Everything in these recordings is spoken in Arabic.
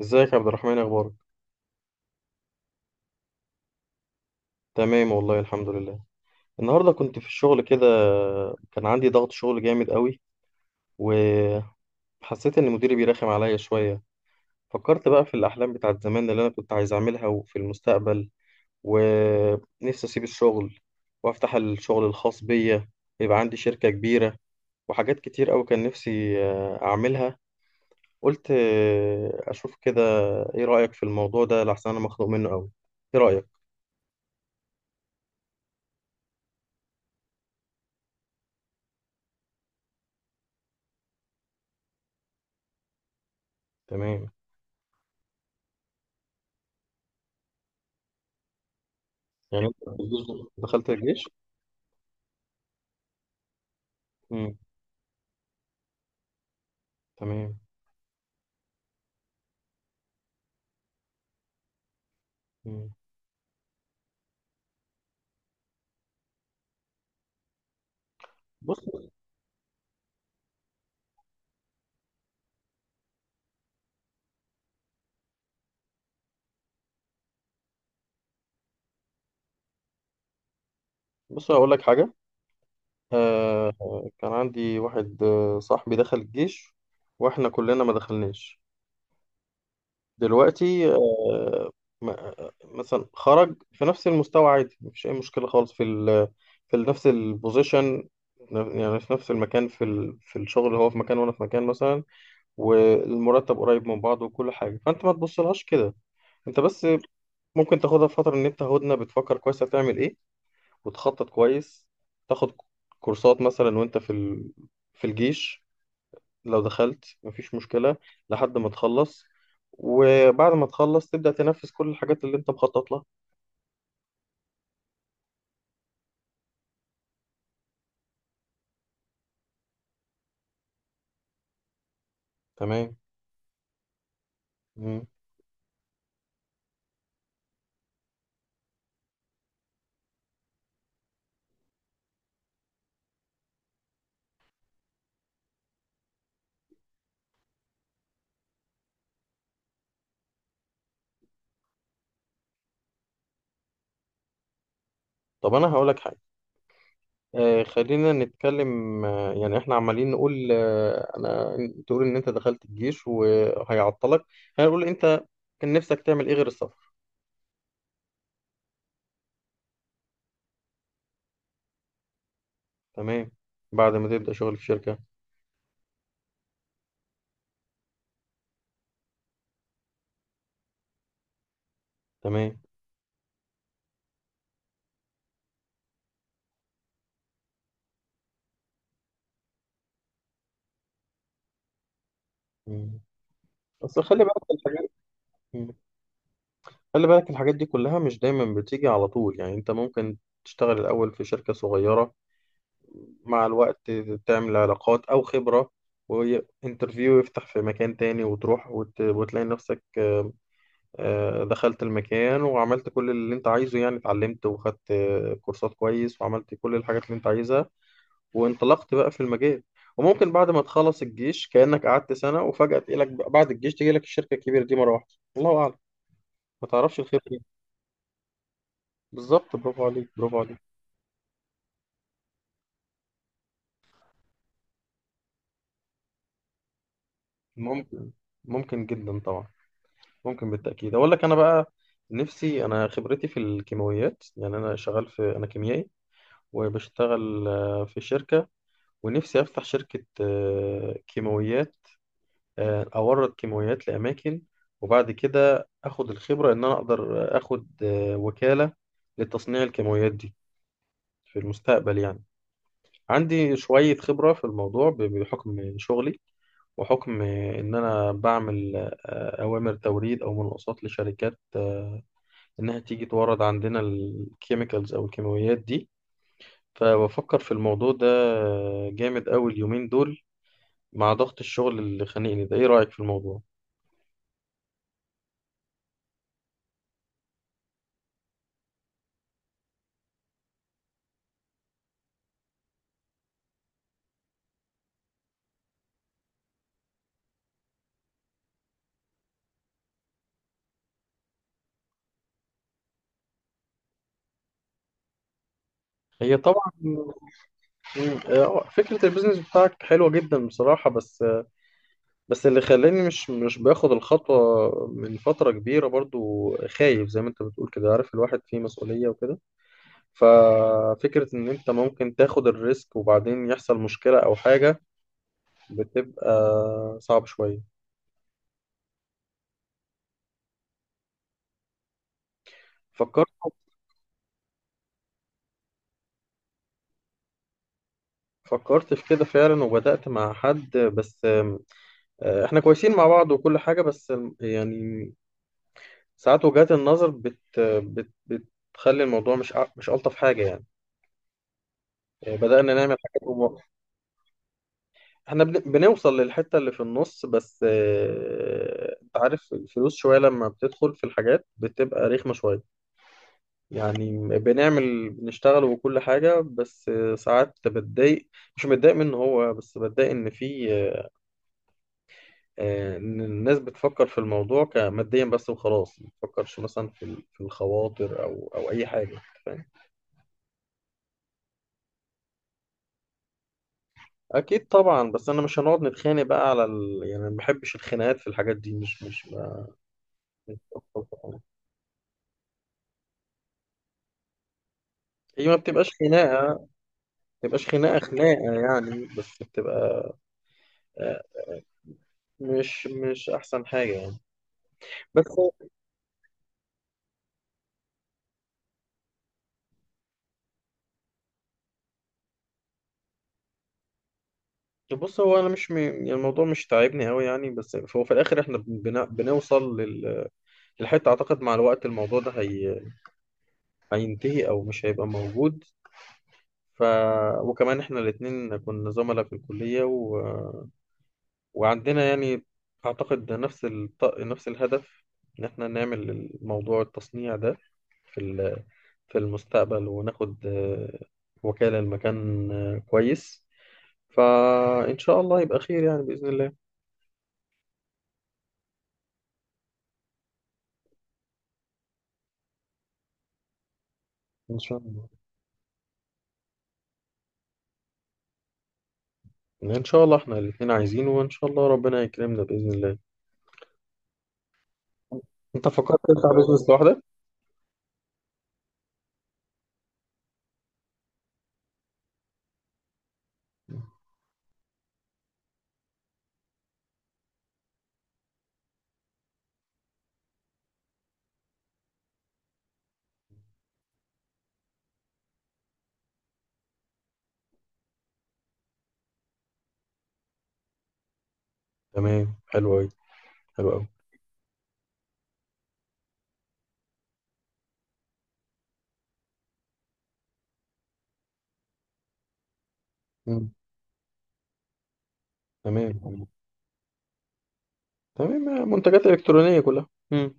ازيك يا عبد الرحمن، اخبارك؟ تمام والله، الحمد لله. النهارده كنت في الشغل كده، كان عندي ضغط شغل جامد قوي، وحسيت ان مديري بيرخم عليا شويه. فكرت بقى في الاحلام بتاعت زمان اللي انا كنت عايز اعملها وفي المستقبل، ونفسي اسيب الشغل وافتح الشغل الخاص بيا، يبقى عندي شركه كبيره وحاجات كتير قوي كان نفسي اعملها. قلت اشوف كده. ايه رايك في الموضوع ده؟ لحسن انا مخنوق منه قوي. ايه رايك؟ تمام. يعني انت دخلت الجيش؟ مم. تمام. مم. بص، هقول لك حاجة. آه. كان عندي واحد، صاحبي دخل الجيش، واحنا كلنا ما دخلناش. دلوقتي آه. م- مثلا خرج في نفس المستوى، عادي مفيش أي مشكلة خالص في نفس البوزيشن. يعني في نفس المكان، في الشغل، اللي هو في مكان وانا في مكان مثلا، والمرتب قريب من بعض وكل حاجة، فانت ما تبصلهاش كده. انت بس ممكن تاخدها في فترة ان انت هدنة بتفكر كويس هتعمل ايه وتخطط كويس، تاخد كورسات مثلا وانت في الجيش. لو دخلت مفيش مشكلة لحد ما تخلص، وبعد ما تخلص تبدأ تنفذ كل الحاجات اللي انت مخطط لها. تمام. مم. طب انا هقولك حاجة، خلينا نتكلم. يعني احنا عمالين نقول انا... تقول ان انت دخلت الجيش وهيعطلك، هنقول انت كان نفسك تعمل ايه غير السفر؟ تمام. بعد ما تبدأ شغل في شركة. تمام. مم. بس خلي بالك من الحاجات، خلي بالك الحاجات دي كلها مش دايما بتيجي على طول. يعني انت ممكن تشتغل الأول في شركة صغيرة، مع الوقت تعمل علاقات أو خبرة، وانترفيو يفتح في مكان تاني وتروح وتلاقي نفسك، دخلت المكان وعملت كل اللي انت عايزه، يعني اتعلمت وخدت كورسات كويس وعملت كل الحاجات اللي انت عايزها، وانطلقت بقى في المجال. وممكن بعد ما تخلص الجيش كأنك قعدت سنة، وفجأة تجيلك بعد الجيش تجيلك الشركة الكبيرة دي مرة واحدة، الله أعلم. ما تعرفش الخير. بالظبط، برافو عليك، برافو عليك. ممكن، ممكن جدا طبعا، ممكن بالتأكيد. أقول لك أنا بقى، نفسي أنا، خبرتي في الكيماويات، يعني أنا شغال أنا كيميائي، وبشتغل في شركة. ونفسي أفتح شركة كيماويات، أورد كيماويات لأماكن، وبعد كده أخد الخبرة إن أنا أقدر أخد وكالة لتصنيع الكيماويات دي في المستقبل يعني. عندي شوية خبرة في الموضوع بحكم شغلي، وحكم إن أنا بعمل أوامر توريد أو مناقصات لشركات إنها تيجي تورد عندنا الكيميكالز أو الكيماويات دي. فبفكر في الموضوع ده جامد أوي اليومين دول، مع ضغط الشغل اللي خانقني ده. إيه رأيك في الموضوع؟ هي طبعا... فكرة البيزنس بتاعك حلوة جدا بصراحة، بس بس اللي خلاني مش مش باخد الخطوة من فترة كبيرة، برضو خايف زي ما انت بتقول كده، عارف الواحد فيه مسؤولية وكده. ففكرة ان انت ممكن تاخد الريسك وبعدين يحصل مشكلة او حاجة، بتبقى صعب شوية. فكرت فكرت في كده فعلا، وبدأت مع حد بس احنا كويسين مع بعض وكل حاجة، بس يعني ساعات وجهات النظر بت بت بتخلي الموضوع مش مش ألطف حاجة يعني. بدأنا نعمل حاجات. احنا بنوصل للحتة اللي في النص، بس انت عارف الفلوس شوية لما بتدخل في الحاجات بتبقى رخمة شوية. يعني بنشتغل وكل حاجة، بس ساعات بتضايق. مش متضايق منه هو، بس بتضايق ان في ان الناس بتفكر في الموضوع كماديا بس وخلاص، ما بتفكرش مثلا في الخواطر او اي حاجة. فاهم؟ اكيد طبعا. بس انا مش هنقعد نتخانق بقى على يعني أنا ما بحبش الخناقات في الحاجات دي، مش مش ما- هي ما بتبقاش خناقة، تبقاش خناقة يعني، بس بتبقى آه، مش أحسن حاجة يعني. بس بص، هو أنا مش يعني الموضوع مش تعبني أوي يعني. بس هو في الآخر إحنا بنوصل للحتة. أعتقد مع الوقت الموضوع ده هينتهي أو مش هيبقى موجود ف... وكمان إحنا الاتنين كنا زملاء في الكلية وعندنا يعني، أعتقد نفس نفس الهدف، إن إحنا نعمل الموضوع التصنيع ده في ال- في المستقبل، وناخد وكالة لمكان كويس. فإن شاء الله يبقى خير يعني بإذن الله. إن شاء الله. إن شاء الله إحنا الاتنين عايزين، وإن شاء الله ربنا يكرمنا بإذن الله. أنت فكرت تفتح بيزنس لوحدك؟ تمام، حلو أوي، حلو أوي. مم. تمام تمام، منتجات إلكترونية كلها. مم.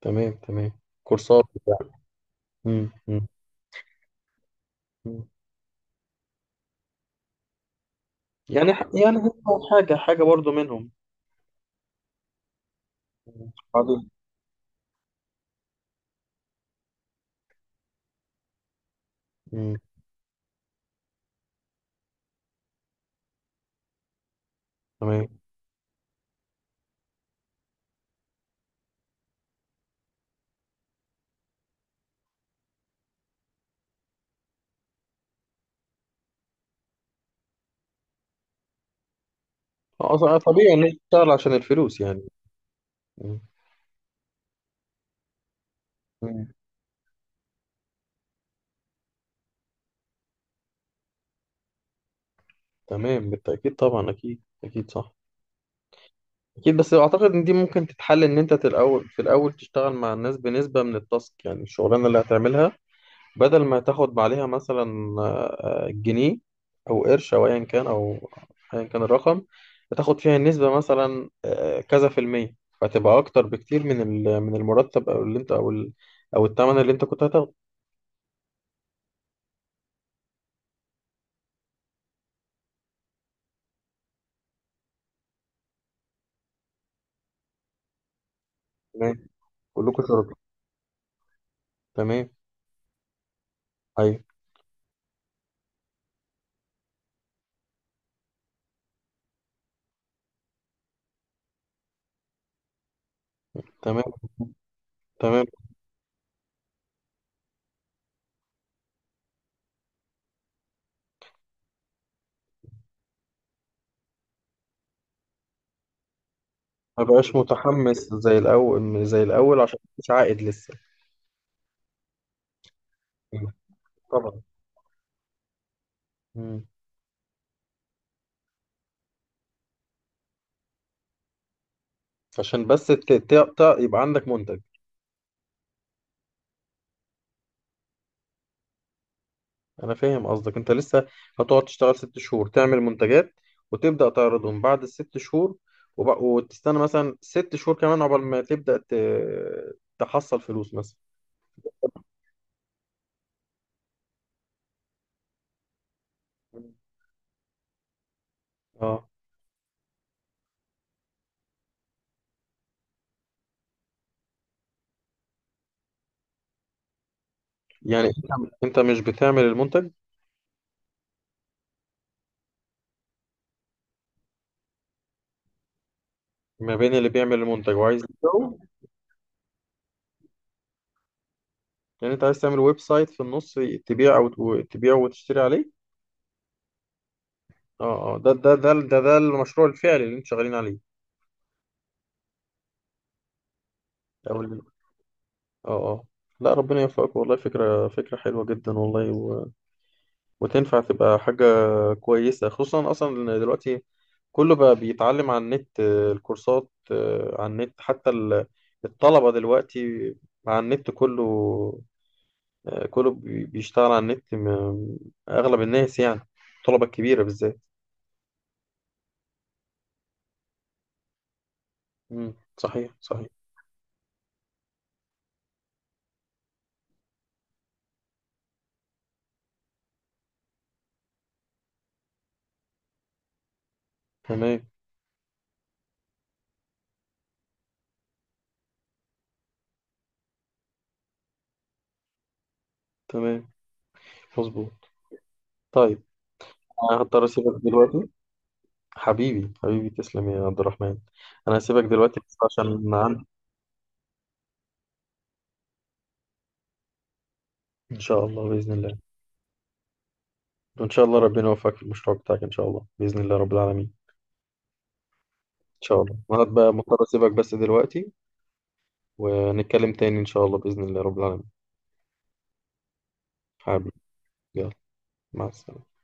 تمام تمام، كورسات بتاع... مم. مم. مم. يعني يعني هو حاجة حاجة برضو منهم. مم. عظيم. مم. تمام. أصلا طبيعي إن أنت تشتغل عشان الفلوس يعني. مم. مم. تمام بالتأكيد طبعا، أكيد أكيد صح. أكيد. بس أعتقد إن دي ممكن تتحل، إن أنت في الأول تشتغل مع الناس بنسبة من التاسك، يعني الشغلانة اللي هتعملها، بدل ما تاخد عليها مثلا جنيه أو قرش أو أيا كان الرقم. بتاخد فيها النسبة مثلا كذا في المية، فتبقى أكتر بكتير من المرتب، أو اللي أنت أو الثمن اللي أنت كنت هتاخده. تمام. كلكم شركاء. تمام. أيوه. تمام تمام. ما بقاش متحمس زي الأول زي الأول، عشان مش عائد لسه. مم. طبعا. مم. عشان بس يبقى عندك منتج. أنا فاهم قصدك. أنت لسه هتقعد تشتغل ست شهور تعمل منتجات، وتبدأ تعرضهم بعد الست شهور، وتستنى مثلا ست شهور كمان عقبال ما تبدأ تحصل فلوس مثلا. مم. اه. يعني انت مش بتعمل المنتج. ما بين اللي بيعمل المنتج وعايز يبيعه. يعني انت عايز تعمل ويب سايت في النص، تبيع وتشتري عليه. اه اه، ده المشروع الفعلي اللي انتوا شغالين عليه. او اللي اه اه. لا، ربنا يوفقك والله. فكرة حلوة جدا والله وتنفع تبقى حاجة كويسة، خصوصا أصلا إن دلوقتي كله بقى بيتعلم على النت. الكورسات على النت، حتى الطلبة دلوقتي على النت كله. كله بيشتغل على النت، أغلب الناس يعني، الطلبة الكبيرة بالذات. مم، صحيح صحيح. تمام تمام، مظبوط. طيب. أنا هضطر أسيبك دلوقتي. حبيبي حبيبي، تسلم يا عبد الرحمن. انا هسيبك دلوقتي بس عشان عندي... ان شاء الله باذن الله. وان شاء الله ربنا يوفقك في المشروع بتاعك، ان شاء الله باذن الله رب العالمين. ان شاء الله. انا بقى مضطر اسيبك بس دلوقتي، ونتكلم تاني ان شاء الله باذن الله رب العالمين. حبيبي. يلا، مع السلامه.